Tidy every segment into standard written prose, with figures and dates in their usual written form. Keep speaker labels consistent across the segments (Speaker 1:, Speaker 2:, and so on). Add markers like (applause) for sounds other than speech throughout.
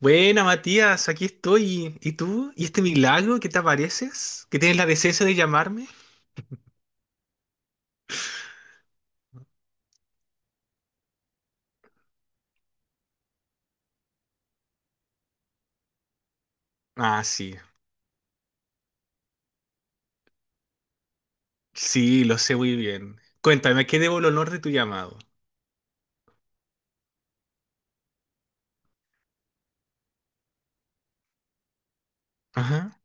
Speaker 1: Buena, Matías, aquí estoy. ¿Y tú? ¿Y este milagro que te apareces? ¿Que tienes la decencia de llamarme? Ah, sí. Sí, lo sé muy bien. Cuéntame, ¿a qué debo el honor de tu llamado? Ajá.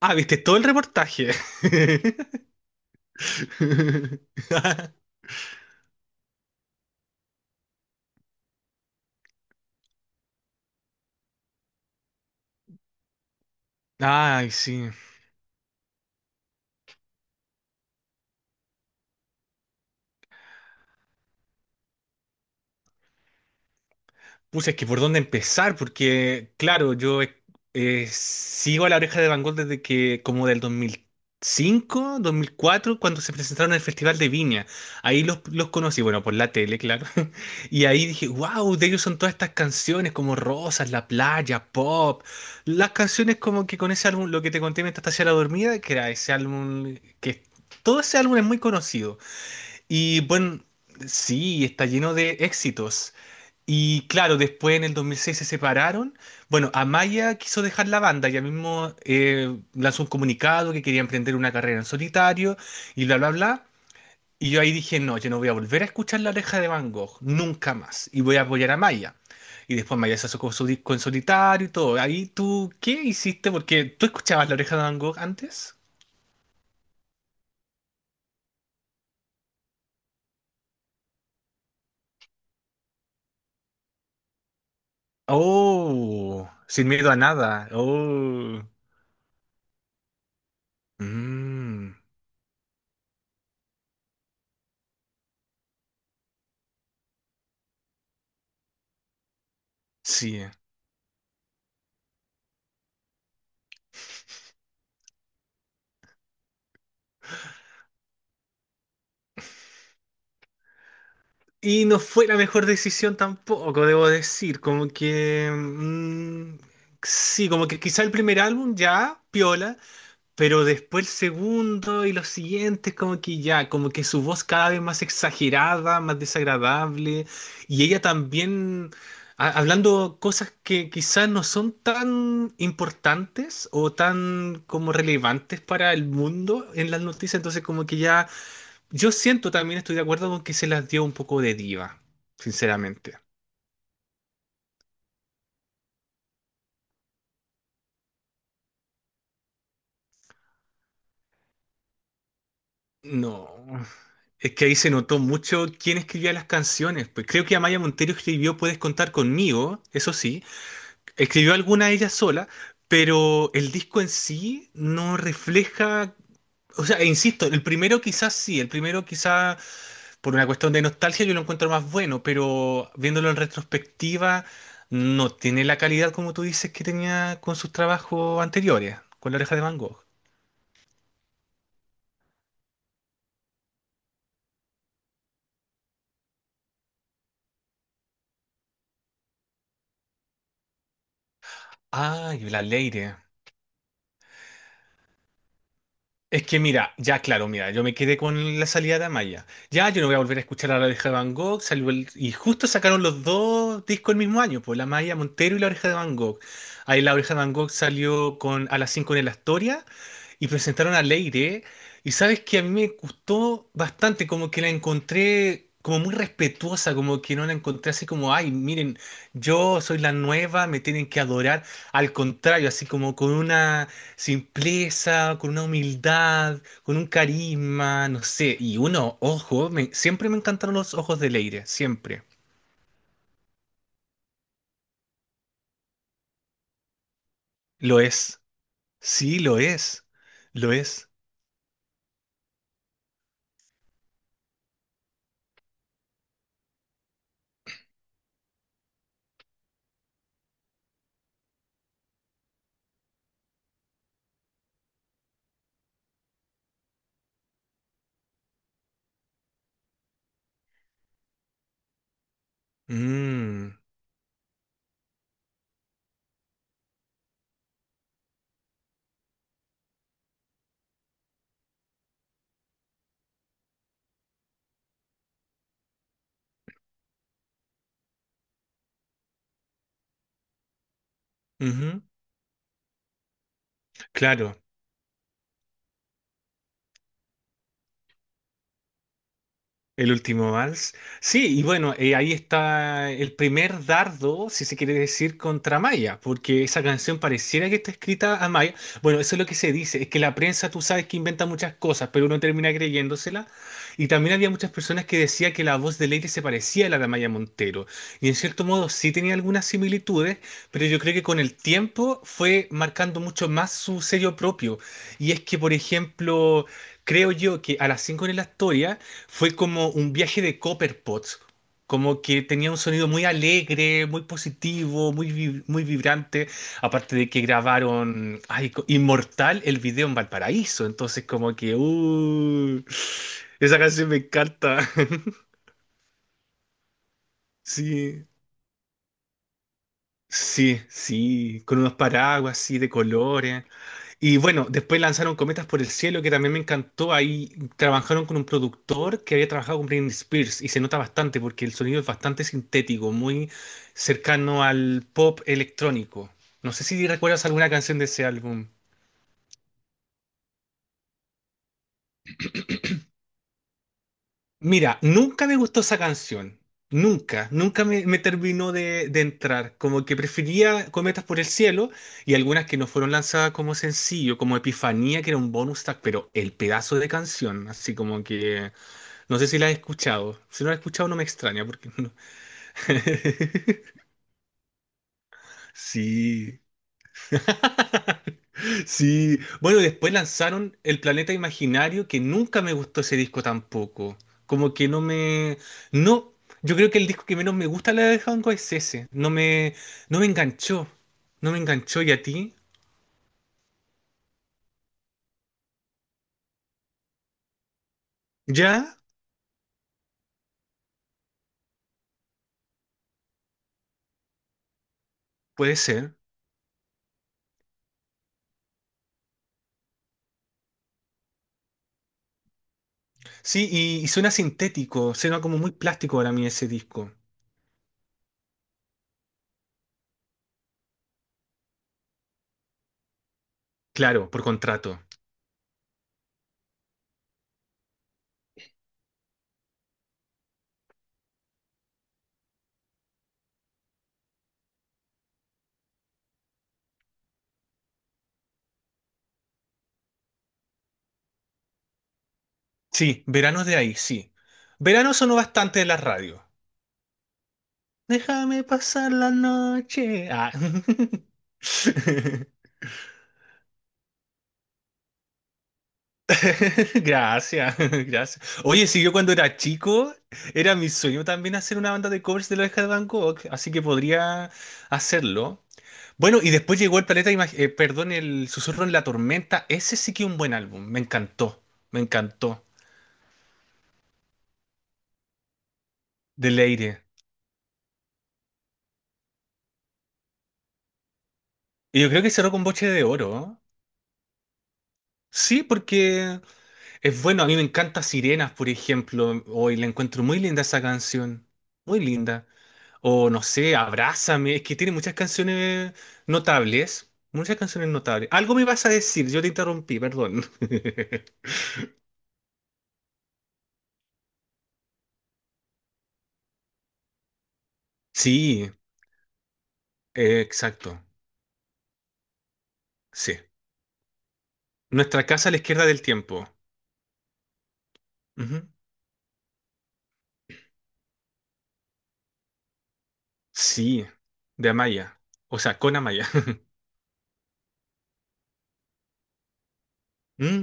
Speaker 1: Ah, viste todo el reportaje. (laughs) Ay, sí. Pues es que por dónde empezar, porque claro, yo sigo a La Oreja de Van Gogh desde que, como del 2005 2004 cuando se presentaron en el Festival de Viña. Ahí los conocí, bueno, por la tele, claro. (laughs) Y ahí dije, wow, de ellos son todas estas canciones como Rosas, La Playa, Pop. Las canciones como que con ese álbum, lo que te conté mientras te hacía la dormida, que era ese álbum, que todo ese álbum es muy conocido. Y bueno, sí, está lleno de éxitos. Y claro, después en el 2006 se separaron. Bueno, Amaya quiso dejar la banda, ella mismo lanzó un comunicado que quería emprender una carrera en solitario y bla, bla, bla. Y yo ahí dije, no, yo no voy a volver a escuchar La Oreja de Van Gogh, nunca más. Y voy a apoyar a Amaya. Y después Amaya se sacó su disco en solitario y todo. Ahí tú, ¿qué hiciste? Porque tú escuchabas La Oreja de Van Gogh antes. Oh, sin miedo a nada. Oh, mm, sí. Y no fue la mejor decisión tampoco, debo decir. Como que. Mm, sí, como que quizá el primer álbum ya, piola, pero después el segundo y los siguientes, como que ya, como que su voz cada vez más exagerada, más desagradable. Y ella también hablando cosas que quizás no son tan importantes o tan como relevantes para el mundo en las noticias. Entonces, como que ya. Yo siento también, estoy de acuerdo con que se las dio un poco de diva, sinceramente. No, es que ahí se notó mucho quién escribía las canciones. Pues creo que Amaya Montero escribió Puedes contar conmigo, eso sí. Escribió alguna ella sola, pero el disco en sí no refleja. O sea, e insisto, el primero quizás sí, el primero quizás por una cuestión de nostalgia yo lo encuentro más bueno, pero viéndolo en retrospectiva, no tiene la calidad como tú dices que tenía con sus trabajos anteriores, con La Oreja de Van Gogh. Ah, y La Leire. Es que mira, ya claro, mira, yo me quedé con la salida de Amaya. Ya, yo no voy a volver a escuchar a La Oreja de Van Gogh. Y justo sacaron los dos discos el mismo año, pues La Maya Montero y La Oreja de Van Gogh. Ahí La Oreja de Van Gogh salió con, a las 5 en el Astoria y presentaron a Leire. Y sabes que a mí me gustó bastante, como que la encontré como muy respetuosa, como que no la encontré así como, ay, miren, yo soy la nueva, me tienen que adorar. Al contrario, así como con una simpleza, con una humildad, con un carisma, no sé. Y uno, ojo, siempre me encantaron los ojos de Leire, siempre. Lo es. Sí, lo es. Lo es. Mm, ujú, claro. El último vals. Sí, y bueno, ahí está el primer dardo, si se quiere decir, contra Maya, porque esa canción pareciera que está escrita a Maya. Bueno, eso es lo que se dice, es que la prensa tú sabes que inventa muchas cosas, pero uno termina creyéndosela. Y también había muchas personas que decían que la voz de Leire se parecía a la de Maya Montero. Y en cierto modo sí tenía algunas similitudes, pero yo creo que con el tiempo fue marcando mucho más su sello propio. Y es que, por ejemplo, creo yo que a las 5 en la historia fue como un viaje de Copperpot, como que tenía un sonido muy alegre, muy positivo, muy vibrante, aparte de que grabaron ay, Inmortal el video en Valparaíso, entonces como que, esa canción me encanta. (laughs) Sí, sí, sí, con unos paraguas así de colores. Y bueno, después lanzaron Cometas por el Cielo, que también me encantó. Ahí trabajaron con un productor que había trabajado con Britney Spears y se nota bastante porque el sonido es bastante sintético, muy cercano al pop electrónico. No sé si recuerdas alguna canción de ese álbum. Mira, nunca me gustó esa canción. Nunca, nunca me terminó de entrar. Como que prefería Cometas por el Cielo y algunas que no fueron lanzadas como sencillo, como Epifanía, que era un bonus track, pero el pedazo de canción, así como que... No sé si la has escuchado. Si no la has escuchado, no me extraña porque no. (laughs) Sí. (laughs) Sí. Bueno, después lanzaron El Planeta Imaginario, que nunca me gustó ese disco tampoco. Como que no me. No. Yo creo que el disco que menos me gusta la de Hanko es ese. No me. No me enganchó. No me enganchó. ¿Y a ti? ¿Ya? Puede ser. Sí, y suena sintético. Suena como muy plástico para mí ese disco. Claro, por contrato. Sí, verano es de ahí, sí. Verano sonó bastante en la radio. Déjame pasar la noche. Ah. (laughs) Gracias, (laughs) gracias. Oye, si yo cuando era chico, era mi sueño también hacer una banda de covers de la oreja de Van Gogh, así que podría hacerlo. Bueno, y después llegó el Planeta, perdón, el Susurro en la Tormenta. Ese sí que es un buen álbum, me encantó, me encantó. De Leire. Y yo creo que cerró con Boche de Oro. ¿No? Sí, porque es bueno, a mí me encanta Sirenas, por ejemplo. Hoy la encuentro muy linda esa canción. Muy linda. O no sé, Abrázame. Es que tiene muchas canciones notables. Muchas canciones notables. Algo me vas a decir, yo te interrumpí, perdón. (laughs) Sí, exacto. Sí. Nuestra casa a la izquierda del tiempo. Ujú. Sí, de Amaya. O sea, con Amaya. (laughs) Mm,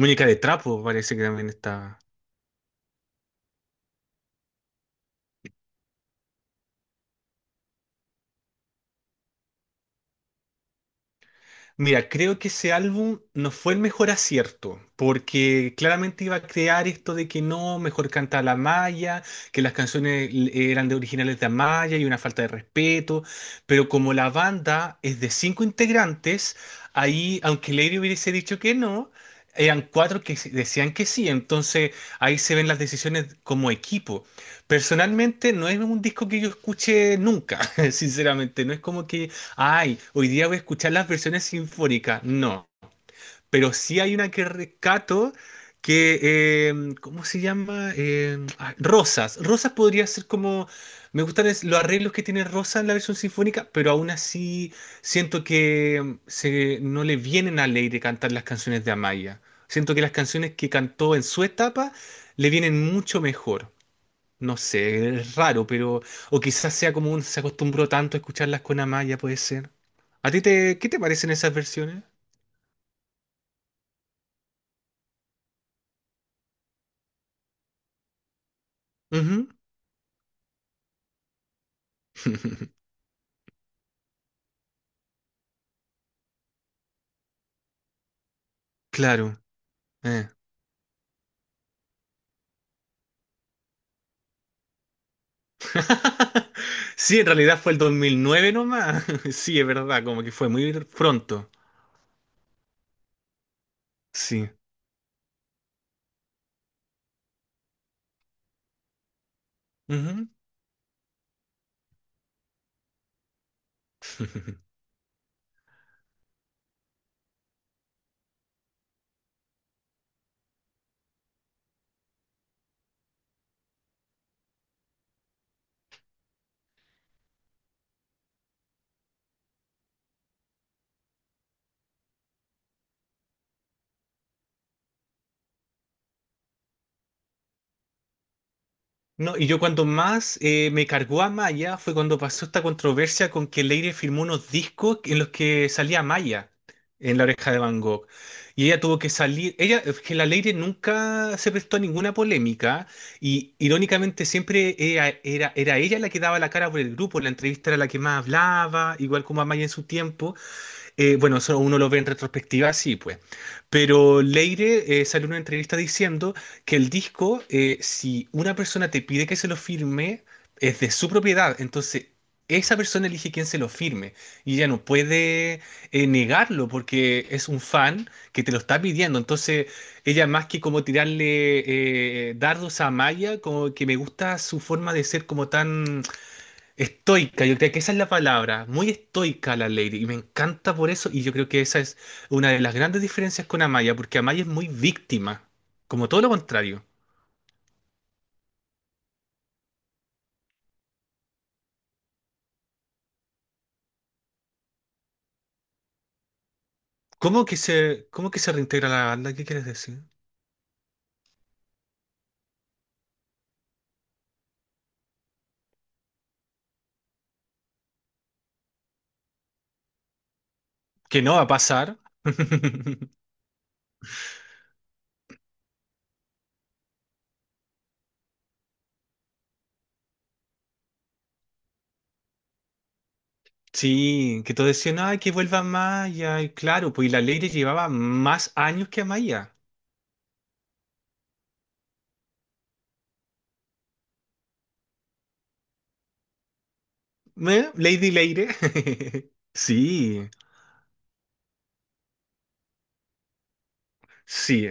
Speaker 1: Muñeca de trapo parece que también está. Mira, creo que ese álbum no fue el mejor acierto, porque claramente iba a crear esto de que no, mejor canta la Maya, que las canciones eran de originales de Amaya y una falta de respeto, pero como la banda es de cinco integrantes, ahí, aunque Lady hubiese dicho que no, eran cuatro que decían que sí, entonces ahí se ven las decisiones como equipo. Personalmente no es un disco que yo escuche nunca, (laughs) sinceramente, no es como que ay, hoy día voy a escuchar las versiones sinfónicas. No, pero sí hay una que rescato que, eh, ¿cómo se llama? Rosas. Rosas podría ser como, me gustan los arreglos que tiene Rosas en la versión sinfónica, pero aún así siento que no le vienen al aire cantar las canciones de Amaya. Siento que las canciones que cantó en su etapa le vienen mucho mejor. No sé, es raro, pero. O quizás sea como un, se acostumbró tanto a escucharlas con Amaya, puede ser. ¿A ti qué te parecen esas versiones? Ujú. (laughs) Claro. Eh. (laughs) Sí, en realidad fue el 2009 nomás. (laughs) Sí, es verdad, como que fue muy pronto. Sí. Ujú. (laughs) No, y yo cuando más me cargó a Maya fue cuando pasó esta controversia con que Leire firmó unos discos en los que salía Maya en La Oreja de Van Gogh. Y ella tuvo que salir, ella, es que la Leire nunca se prestó a ninguna polémica y irónicamente siempre era, ella la que daba la cara por el grupo, en la entrevista era la que más hablaba, igual como a Maya en su tiempo, bueno, eso uno lo ve en retrospectiva, sí, pues. Pero Leire salió en una entrevista diciendo que el disco, si una persona te pide que se lo firme, es de su propiedad. Entonces, esa persona elige quién se lo firme. Y ella no puede negarlo porque es un fan que te lo está pidiendo. Entonces, ella más que como tirarle dardos a Maya, como que me gusta su forma de ser como tan estoica, yo creo que esa es la palabra, muy estoica la Lady, y me encanta por eso, y yo creo que esa es una de las grandes diferencias con Amaya, porque Amaya es muy víctima, como todo lo contrario. ¿Cómo que se reintegra la banda? ¿Qué quieres decir? Que no va a pasar. (laughs) Sí, que todos decían, ay, que vuelva Amaya, y claro, pues y la Lady llevaba más años que Amaya. ¿Eh? Lady Leire. (laughs) Sí, sí.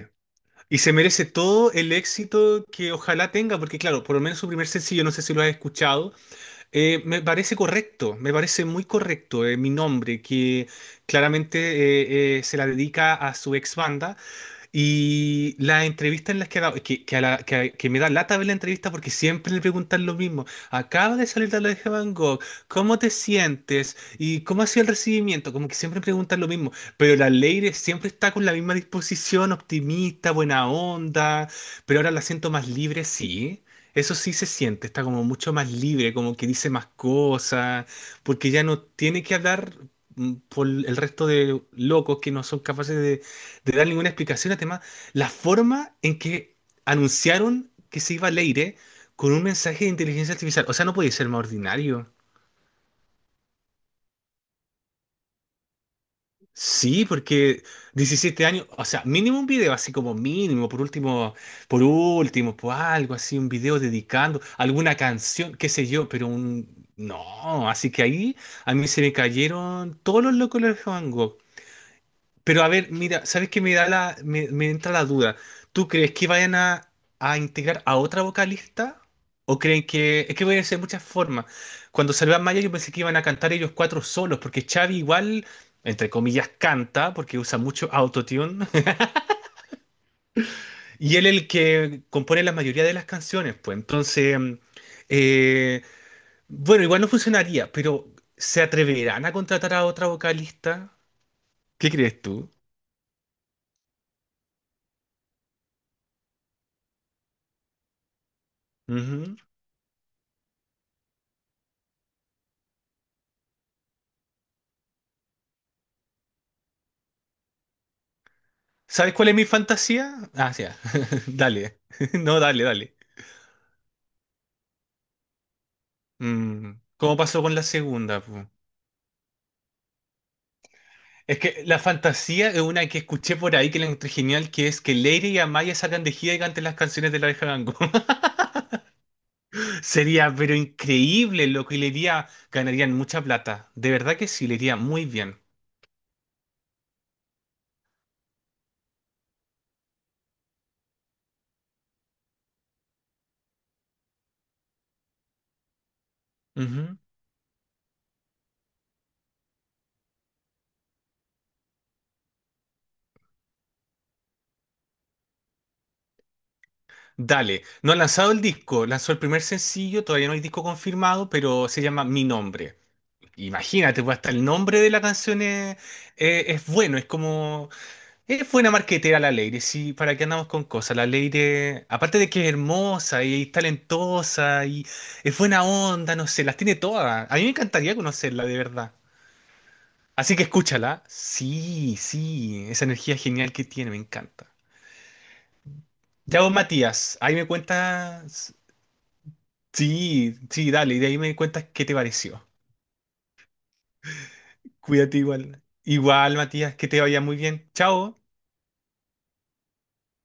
Speaker 1: Y se merece todo el éxito que ojalá tenga, porque claro, por lo menos su primer sencillo, no sé si lo has escuchado, me parece correcto, me parece muy correcto, mi nombre, que claramente se la dedica a su ex banda. Y las entrevistas en las que hago, que me da lata ver la entrevista porque siempre le preguntan lo mismo. Acaba de salir de la de Van Gogh, ¿cómo te sientes? ¿Y cómo ha sido el recibimiento? Como que siempre preguntan lo mismo. Pero la Leire siempre está con la misma disposición, optimista, buena onda, pero ahora la siento más libre, sí. Eso sí se siente, está como mucho más libre, como que dice más cosas, porque ya no tiene que hablar por el resto de locos que no son capaces de dar ninguna explicación al tema, la forma en que anunciaron que se iba Leire con un mensaje de inteligencia artificial. O sea, no podía ser más ordinario. Sí, porque 17 años, o sea, mínimo un video, así como mínimo, por último, por último, por algo así, un video dedicando alguna canción, qué sé yo, pero un... No, así que ahí a mí se me cayeron todos los locos de Van Gogh. Pero a ver, mira, ¿sabes qué me da me entra la duda? ¿Tú crees que vayan a integrar a otra vocalista? ¿O creen que... Es que pueden ser muchas formas. Cuando salió Maya yo pensé que iban a cantar ellos cuatro solos, porque Xavi igual, entre comillas, canta, porque usa mucho autotune, (laughs) y él el que compone la mayoría de las canciones, pues. Entonces, eh, bueno, igual no funcionaría, pero ¿se atreverán a contratar a otra vocalista? ¿Qué crees tú? ¿Sabes cuál es mi fantasía? Ah, sí, ya. (laughs) Dale. (laughs) No, dale, dale. ¿Cómo pasó con la segunda? Po? Es que la fantasía es una que escuché por ahí que la encontré genial, que es que Leire y Amaya salgan de gira y canten las canciones de la oreja de Van Gogh. (laughs) Sería, pero increíble lo que le iría, ganarían mucha plata. De verdad que sí, le iría muy bien. Ujú. Dale, no ha lanzado el disco, lanzó el primer sencillo, todavía no hay disco confirmado, pero se llama Mi Nombre. Imagínate, pues hasta el nombre de la canción es, es bueno, es como, es buena marquetera la Leire, sí, para qué andamos con cosas, la Leire, aparte de que es hermosa y, es talentosa y es buena onda, no sé, las tiene todas, a mí me encantaría conocerla de verdad, así que escúchala, sí, sí, esa energía genial que tiene, me encanta. Ya vos, Matías, ahí me cuentas, sí, sí, dale, y de ahí me cuentas qué te pareció, cuídate igual, igual, Matías, que te vaya muy bien, chao.